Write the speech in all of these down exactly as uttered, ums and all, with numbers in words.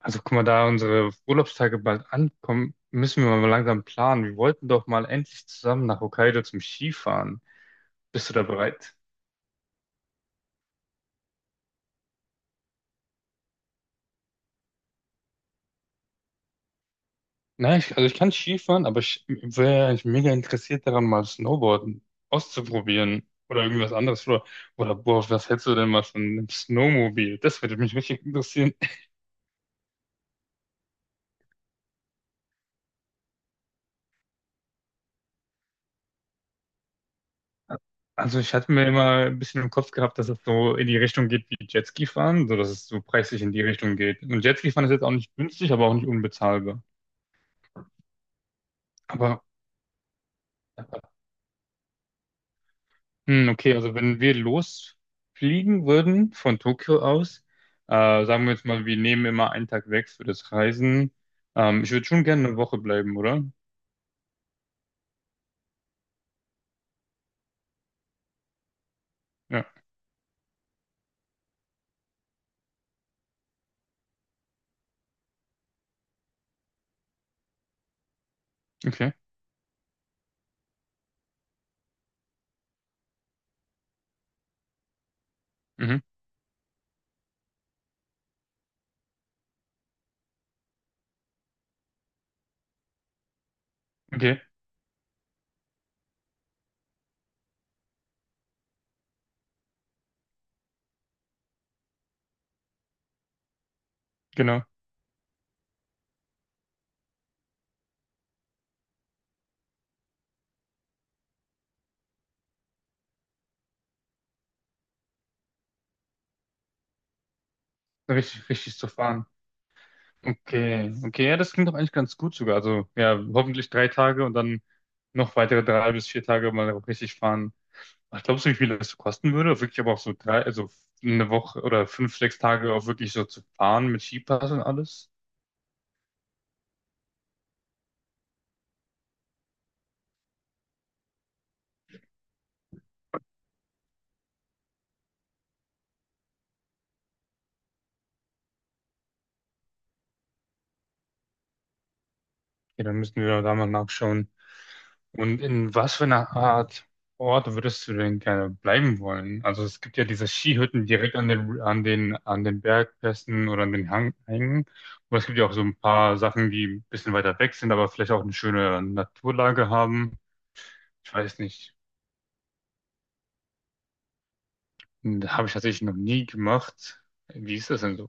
Also guck mal, da unsere Urlaubstage bald ankommen, müssen wir mal langsam planen. Wir wollten doch mal endlich zusammen nach Hokkaido zum Skifahren. Bist du da bereit? Nein, ich, also ich kann Skifahren, aber ich wäre eigentlich mega interessiert daran, mal Snowboarden auszuprobieren oder irgendwas anderes. Oder, oder boah, was hältst du denn mal von einem Snowmobil? Das würde mich richtig interessieren. Also ich hatte mir immer ein bisschen im Kopf gehabt, dass es so in die Richtung geht wie Jetski fahren, so dass es so preislich in die Richtung geht. Und Jetski fahren ist jetzt auch nicht günstig, aber auch nicht unbezahlbar. Aber Hm, okay, also wenn wir losfliegen würden von Tokio aus, äh, sagen wir jetzt mal, wir nehmen immer einen Tag weg für das Reisen. Ähm, ich würde schon gerne eine Woche bleiben, oder? Ja, okay. Mhm. Okay, genau. Richtig, richtig zu fahren. Okay, okay, ja, das klingt doch eigentlich ganz gut sogar. Also ja, hoffentlich drei Tage und dann noch weitere drei bis vier Tage mal richtig fahren. Was glaubst du, wie viel das kosten würde? Wirklich aber auch so drei, also eine Woche oder fünf, sechs Tage auch wirklich so zu fahren mit Skipass und alles? Ja, dann müssen wir da mal nachschauen. Und in was für einer Art Ort würdest du denn gerne bleiben wollen? Also es gibt ja diese Skihütten direkt an den, an den, an den Bergpässen oder an den Hang, Hängen. Aber es gibt ja auch so ein paar Sachen, die ein bisschen weiter weg sind, aber vielleicht auch eine schöne Naturlage haben. Ich weiß nicht. Da habe ich tatsächlich noch nie gemacht. Wie ist das denn so?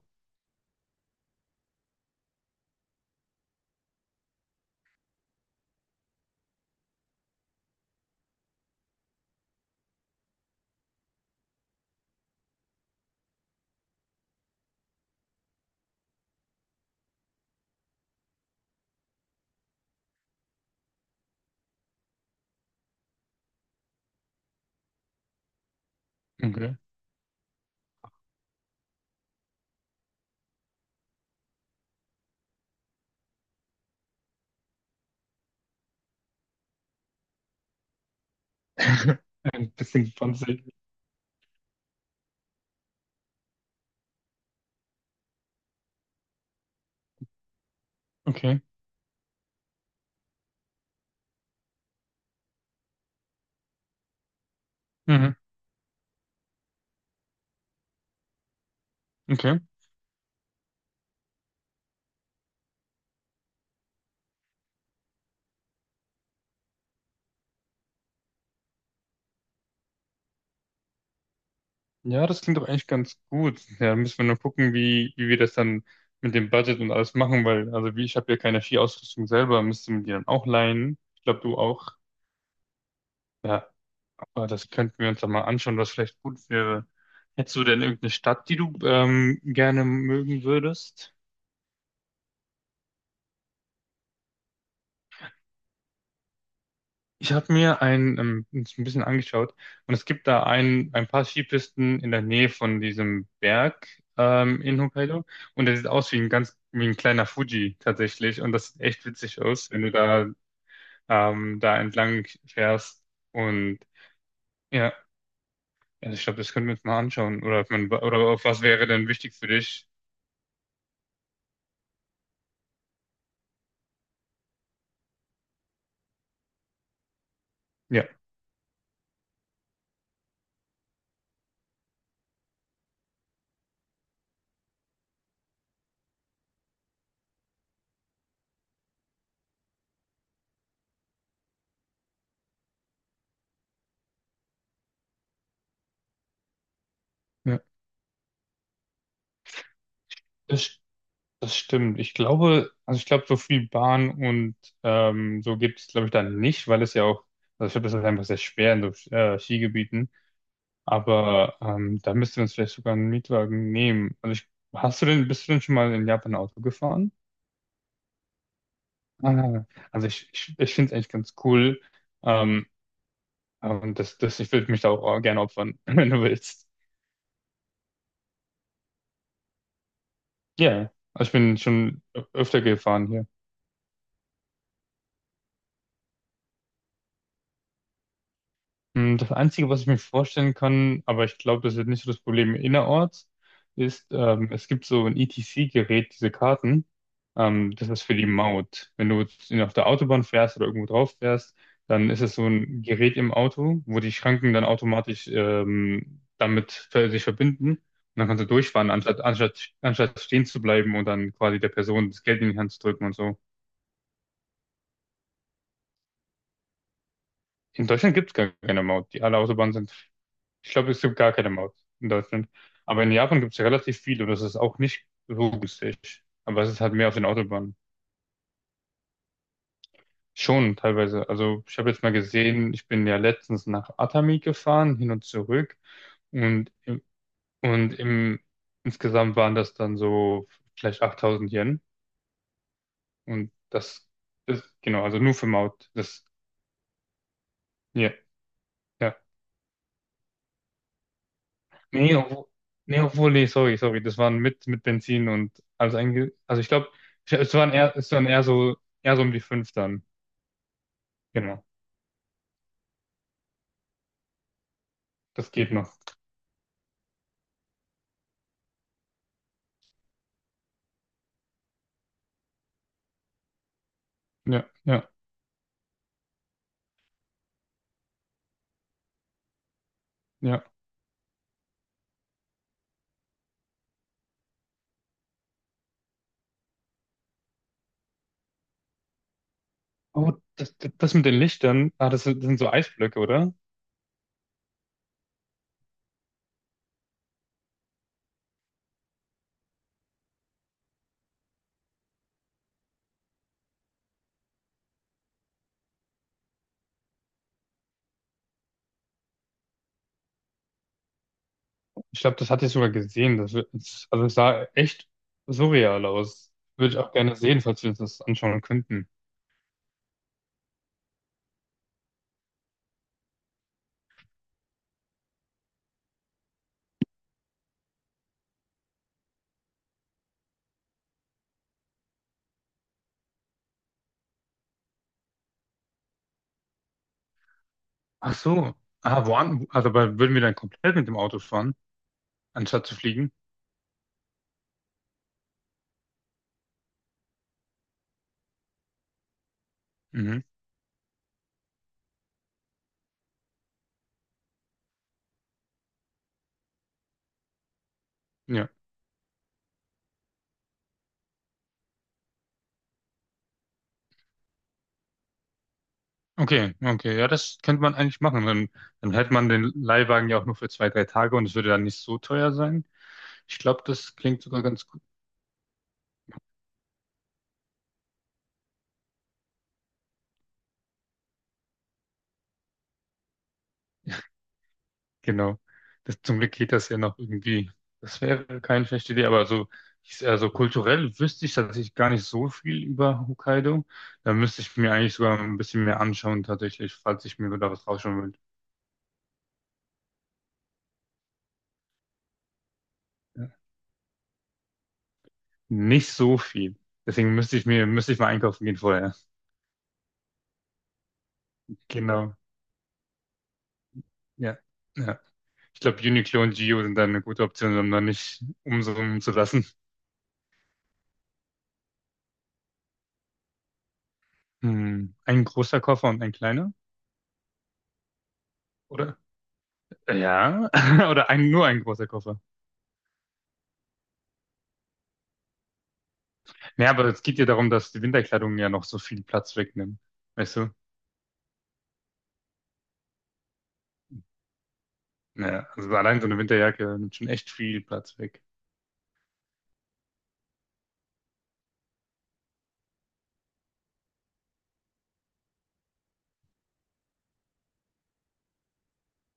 Okay. Ein bisschen fancy. Okay. Mhm. Okay. Ja, das klingt doch eigentlich ganz gut. Ja, dann müssen wir nur gucken, wie, wie wir das dann mit dem Budget und alles machen, weil, also wie ich habe ja keine Skiausrüstung selber, müsste man die dann auch leihen. Ich glaube, du auch. Ja, aber das könnten wir uns dann mal anschauen, was vielleicht gut wäre. Hättest du denn irgendeine Stadt, die du ähm, gerne mögen würdest? Ich habe mir ein, ähm, uns ein bisschen angeschaut und es gibt da ein, ein paar Skipisten in der Nähe von diesem Berg ähm, in Hokkaido und der sieht aus wie ein ganz wie ein kleiner Fuji tatsächlich, und das sieht echt witzig aus, wenn du da ähm, da entlang fährst und ja, also ich glaube, das können wir uns mal anschauen. Oder ob man, oder auf was wäre denn wichtig für dich? Ja, ja. Das Das stimmt. Ich glaube, also ich glaube, so viel Bahn und ähm, so gibt es, glaube ich, dann nicht, weil es ja auch, also ich glaube, das ist einfach sehr schwer in so äh, Skigebieten. Aber ähm, da müsste man uns vielleicht sogar einen Mietwagen nehmen. Also ich, hast du denn, bist du denn schon mal in Japan Auto gefahren? Ah, also ich, ich, ich finde es eigentlich ganz cool. Ähm, und das, das, ich würde mich da auch gerne opfern, wenn du willst. Ja, also ich bin schon ö- öfter gefahren. Hm, Das Einzige, was ich mir vorstellen kann, aber ich glaube, das wird nicht so das Problem innerorts, ist, ähm, es gibt so ein E T C-Gerät, diese Karten. Ähm, das ist für die Maut. Wenn du jetzt in- auf der Autobahn fährst oder irgendwo drauf fährst, dann ist es so ein Gerät im Auto, wo die Schranken dann automatisch ähm, damit ver- sich verbinden. Und dann kannst du durchfahren, anstatt, anstatt, anstatt stehen zu bleiben und dann quasi der Person das Geld in die Hand zu drücken und so. In Deutschland gibt es gar keine Maut. Die alle Autobahnen sind. Ich glaube, es gibt gar keine Maut in Deutschland. Aber in Japan gibt es relativ viel und das ist auch nicht so günstig. Aber es ist halt mehr auf den Autobahnen. Schon teilweise. Also ich habe jetzt mal gesehen, ich bin ja letztens nach Atami gefahren, hin und zurück. Und, im- und im, insgesamt waren das dann so vielleicht achttausend Yen. Und das, das, genau, also nur für Maut. Das, ja, ja. Nee, obwohl, nee, obwohl, nee, sorry, sorry, das waren mit, mit Benzin und alles einge, also ich glaube, es waren eher, es waren eher so, eher so um die fünf dann. Genau, das geht noch. Ja, ja, ja. Oh, das, das, das mit den Lichtern, ah, das, sind- das sind so Eisblöcke, oder? Ich glaube, das hatte ich sogar gesehen. Das, wird- das, also es sah echt surreal aus. Würde ich auch gerne sehen, falls wir uns das anschauen könnten. Ach so. Ah, woan, also aber würden wir dann komplett mit dem Auto fahren, anstatt zu fliegen? Mhm. Ja. Okay, okay, ja, das könnte man eigentlich machen. Dann, dann hätte man den Leihwagen ja auch nur für zwei, drei Tage und es würde dann nicht so teuer sein. Ich glaube, das klingt sogar ganz gut. Genau. Das, zum Glück geht das ja noch irgendwie. Das wäre keine schlechte Idee, aber so, ich, also kulturell wüsste ich tatsächlich gar nicht so viel über Hokkaido. Da müsste ich mir eigentlich sogar ein bisschen mehr anschauen, tatsächlich, falls ich mir da was rausschauen will. Ja. Nicht so viel. Deswegen müsste ich mir, müsste ich mal einkaufen gehen vorher. Genau. Ja. Ja. Ich glaube, Uniqlo und Gio sind dann eine gute Option, um da nicht umsummen zu lassen. Hm. Ein großer Koffer und ein kleiner, oder? Ja, oder ein, nur ein großer Koffer. Ja, aber es geht ja darum, dass die Winterkleidung ja noch so viel Platz wegnimmt. Weißt du? Ja, also allein so eine Winterjacke nimmt schon echt viel Platz weg.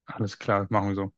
Alles klar, machen wir so.